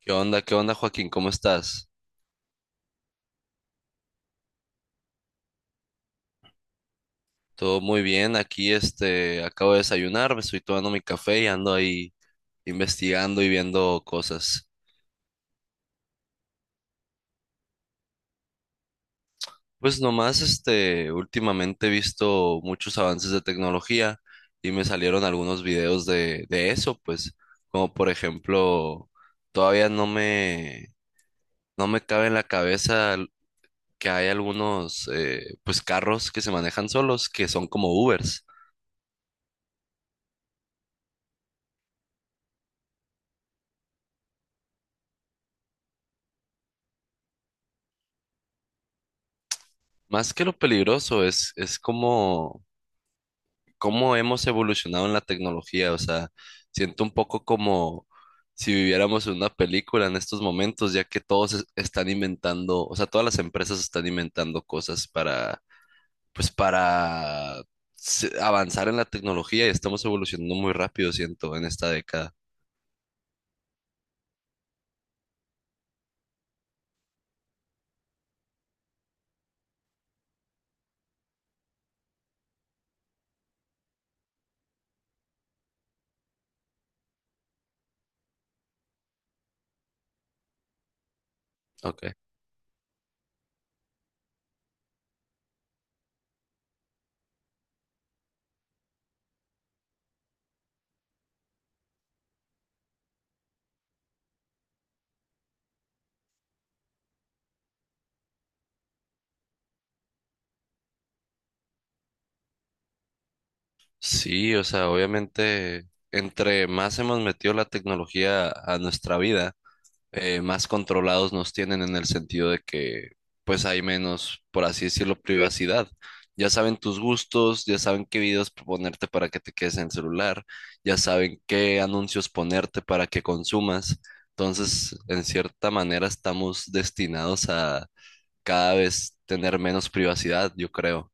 ¿Qué onda? ¿Qué onda, Joaquín? ¿Cómo estás? Todo muy bien. Aquí, acabo de desayunar, me estoy tomando mi café y ando ahí investigando y viendo cosas. Pues nomás, últimamente he visto muchos avances de tecnología y me salieron algunos videos de eso, pues, como por ejemplo, todavía no me, no me cabe en la cabeza que hay algunos, pues, carros que se manejan solos, que son como Ubers. Más que lo peligroso, es como cómo hemos evolucionado en la tecnología. O sea, siento un poco como si viviéramos en una película en estos momentos, ya que están inventando, o sea, todas las empresas están inventando cosas para, pues para avanzar en la tecnología y estamos evolucionando muy rápido, siento, en esta década. Okay. Sí, o sea, obviamente, entre más hemos metido la tecnología a nuestra vida, más controlados nos tienen en el sentido de que pues hay menos, por así decirlo, privacidad. Ya saben tus gustos, ya saben qué videos ponerte para que te quedes en el celular, ya saben qué anuncios ponerte para que consumas. Entonces, en cierta manera, estamos destinados a cada vez tener menos privacidad, yo creo.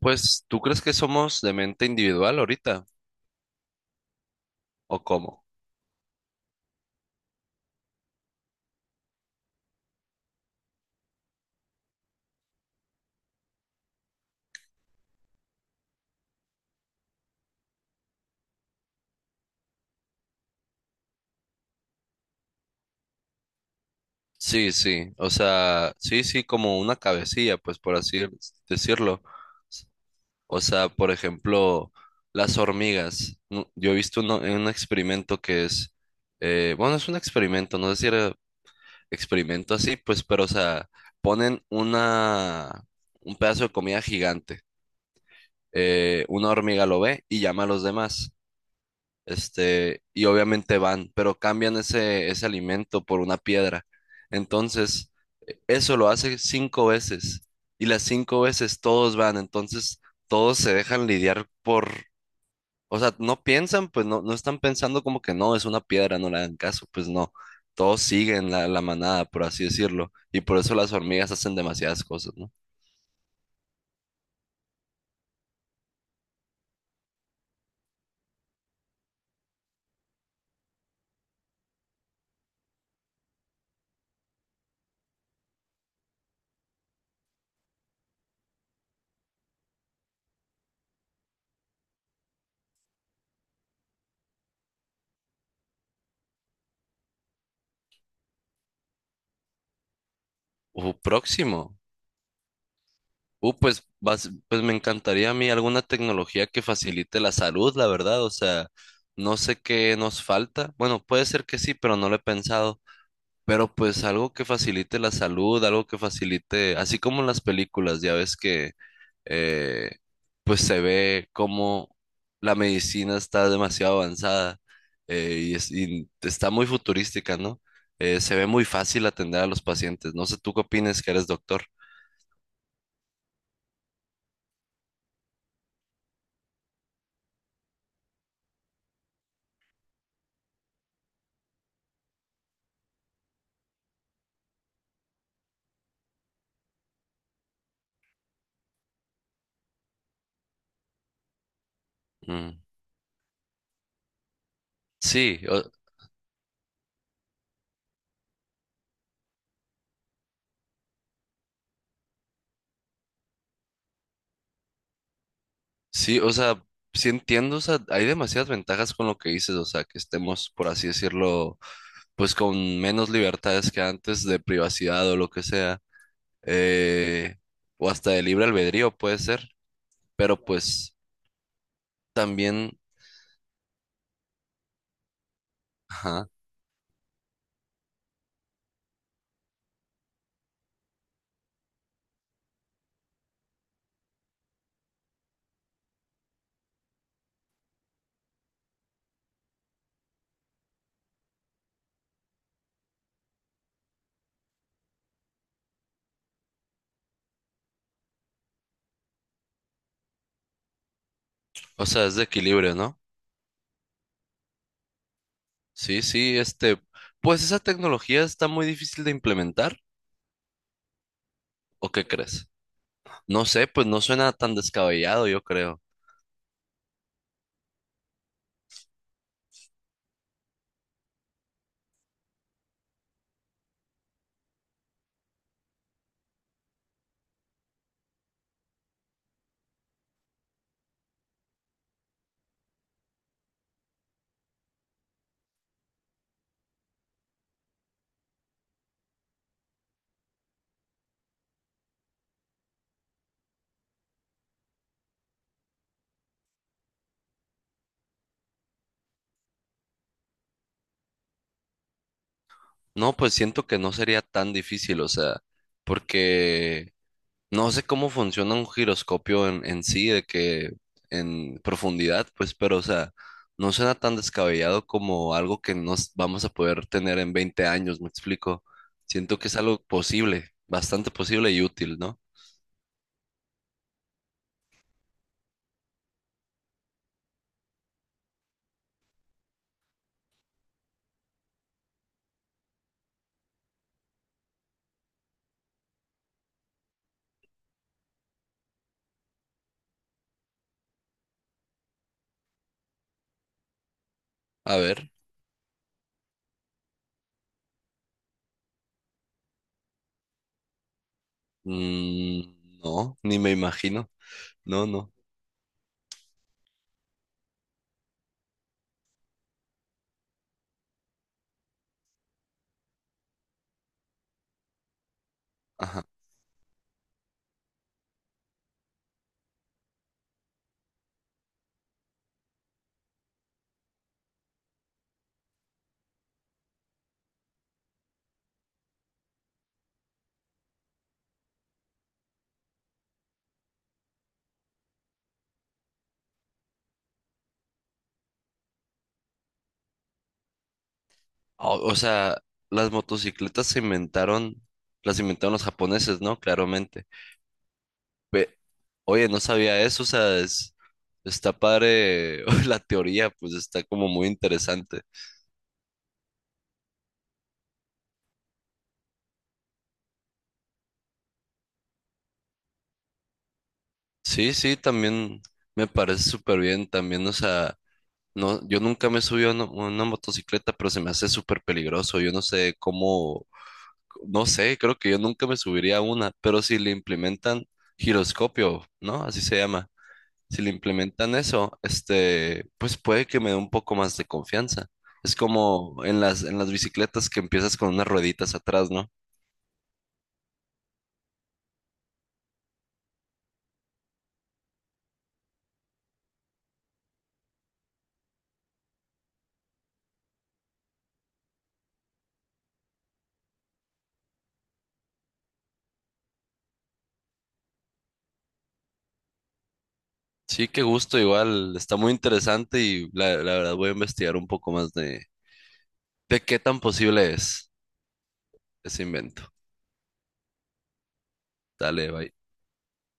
Pues, ¿tú crees que somos de mente individual ahorita? ¿O cómo? Sí, sí, o sea, sí, sí, como una cabecilla, pues por así decirlo. O sea, por ejemplo, las hormigas. Yo he visto un experimento que es, bueno, es un experimento, no sé si era experimento así, pues, pero, o sea, ponen una, un pedazo de comida gigante. Una hormiga lo ve y llama a los demás. Y obviamente van, pero cambian ese alimento por una piedra. Entonces, eso lo hace cinco veces. Y las cinco veces todos van, entonces todos se dejan lidiar por o sea, no piensan, pues no, no están pensando como que no, es una piedra, no le hagan caso, pues no. Todos siguen la manada, por así decirlo. Y por eso las hormigas hacen demasiadas cosas, ¿no? Próximo. Pues, pues me encantaría a mí alguna tecnología que facilite la salud, la verdad. O sea, no sé qué nos falta. Bueno, puede ser que sí, pero no lo he pensado. Pero pues algo que facilite la salud, algo que facilite, así como en las películas, ya ves que eh, pues se ve como la medicina está demasiado avanzada y está muy futurística, ¿no? Se ve muy fácil atender a los pacientes. No sé, ¿tú qué opinas que eres doctor? Mm, sí, o, sí, o sea, sí entiendo, o sea, hay demasiadas ventajas con lo que dices, o sea, que estemos, por así decirlo, pues con menos libertades que antes de privacidad o lo que sea. eh, o hasta de libre albedrío puede ser, pero pues también, ajá, o sea, es de equilibrio, ¿no? Sí, sí, pues esa tecnología está muy difícil de implementar, ¿o qué crees? No sé, pues no suena tan descabellado, yo creo. No, pues siento que no sería tan difícil, o sea, porque no sé cómo funciona un giroscopio en sí, de que en profundidad, pues, pero, o sea, no suena tan descabellado como algo que nos vamos a poder tener en 20 años, me explico. Siento que es algo posible, bastante posible y útil, ¿no? A ver, mm, no, ni me imagino, no, no, ajá. O sea, las motocicletas se inventaron, las inventaron los japoneses, ¿no? Claramente. Ve, oye, no sabía eso, o sea, está padre la teoría, pues está como muy interesante. Sí, sí, también me parece súper bien, también, o sea, no, yo nunca me subí a una motocicleta, pero se me hace súper peligroso, yo no sé cómo, no sé, creo que yo nunca me subiría a una, pero si le implementan giroscopio, ¿no? Así se llama. Si le implementan eso, pues puede que me dé un poco más de confianza. Es como en en las bicicletas que empiezas con unas rueditas atrás, ¿no? Sí, qué gusto, igual, está muy interesante y la verdad voy a investigar un poco más de qué tan posible es ese invento. Dale, bye.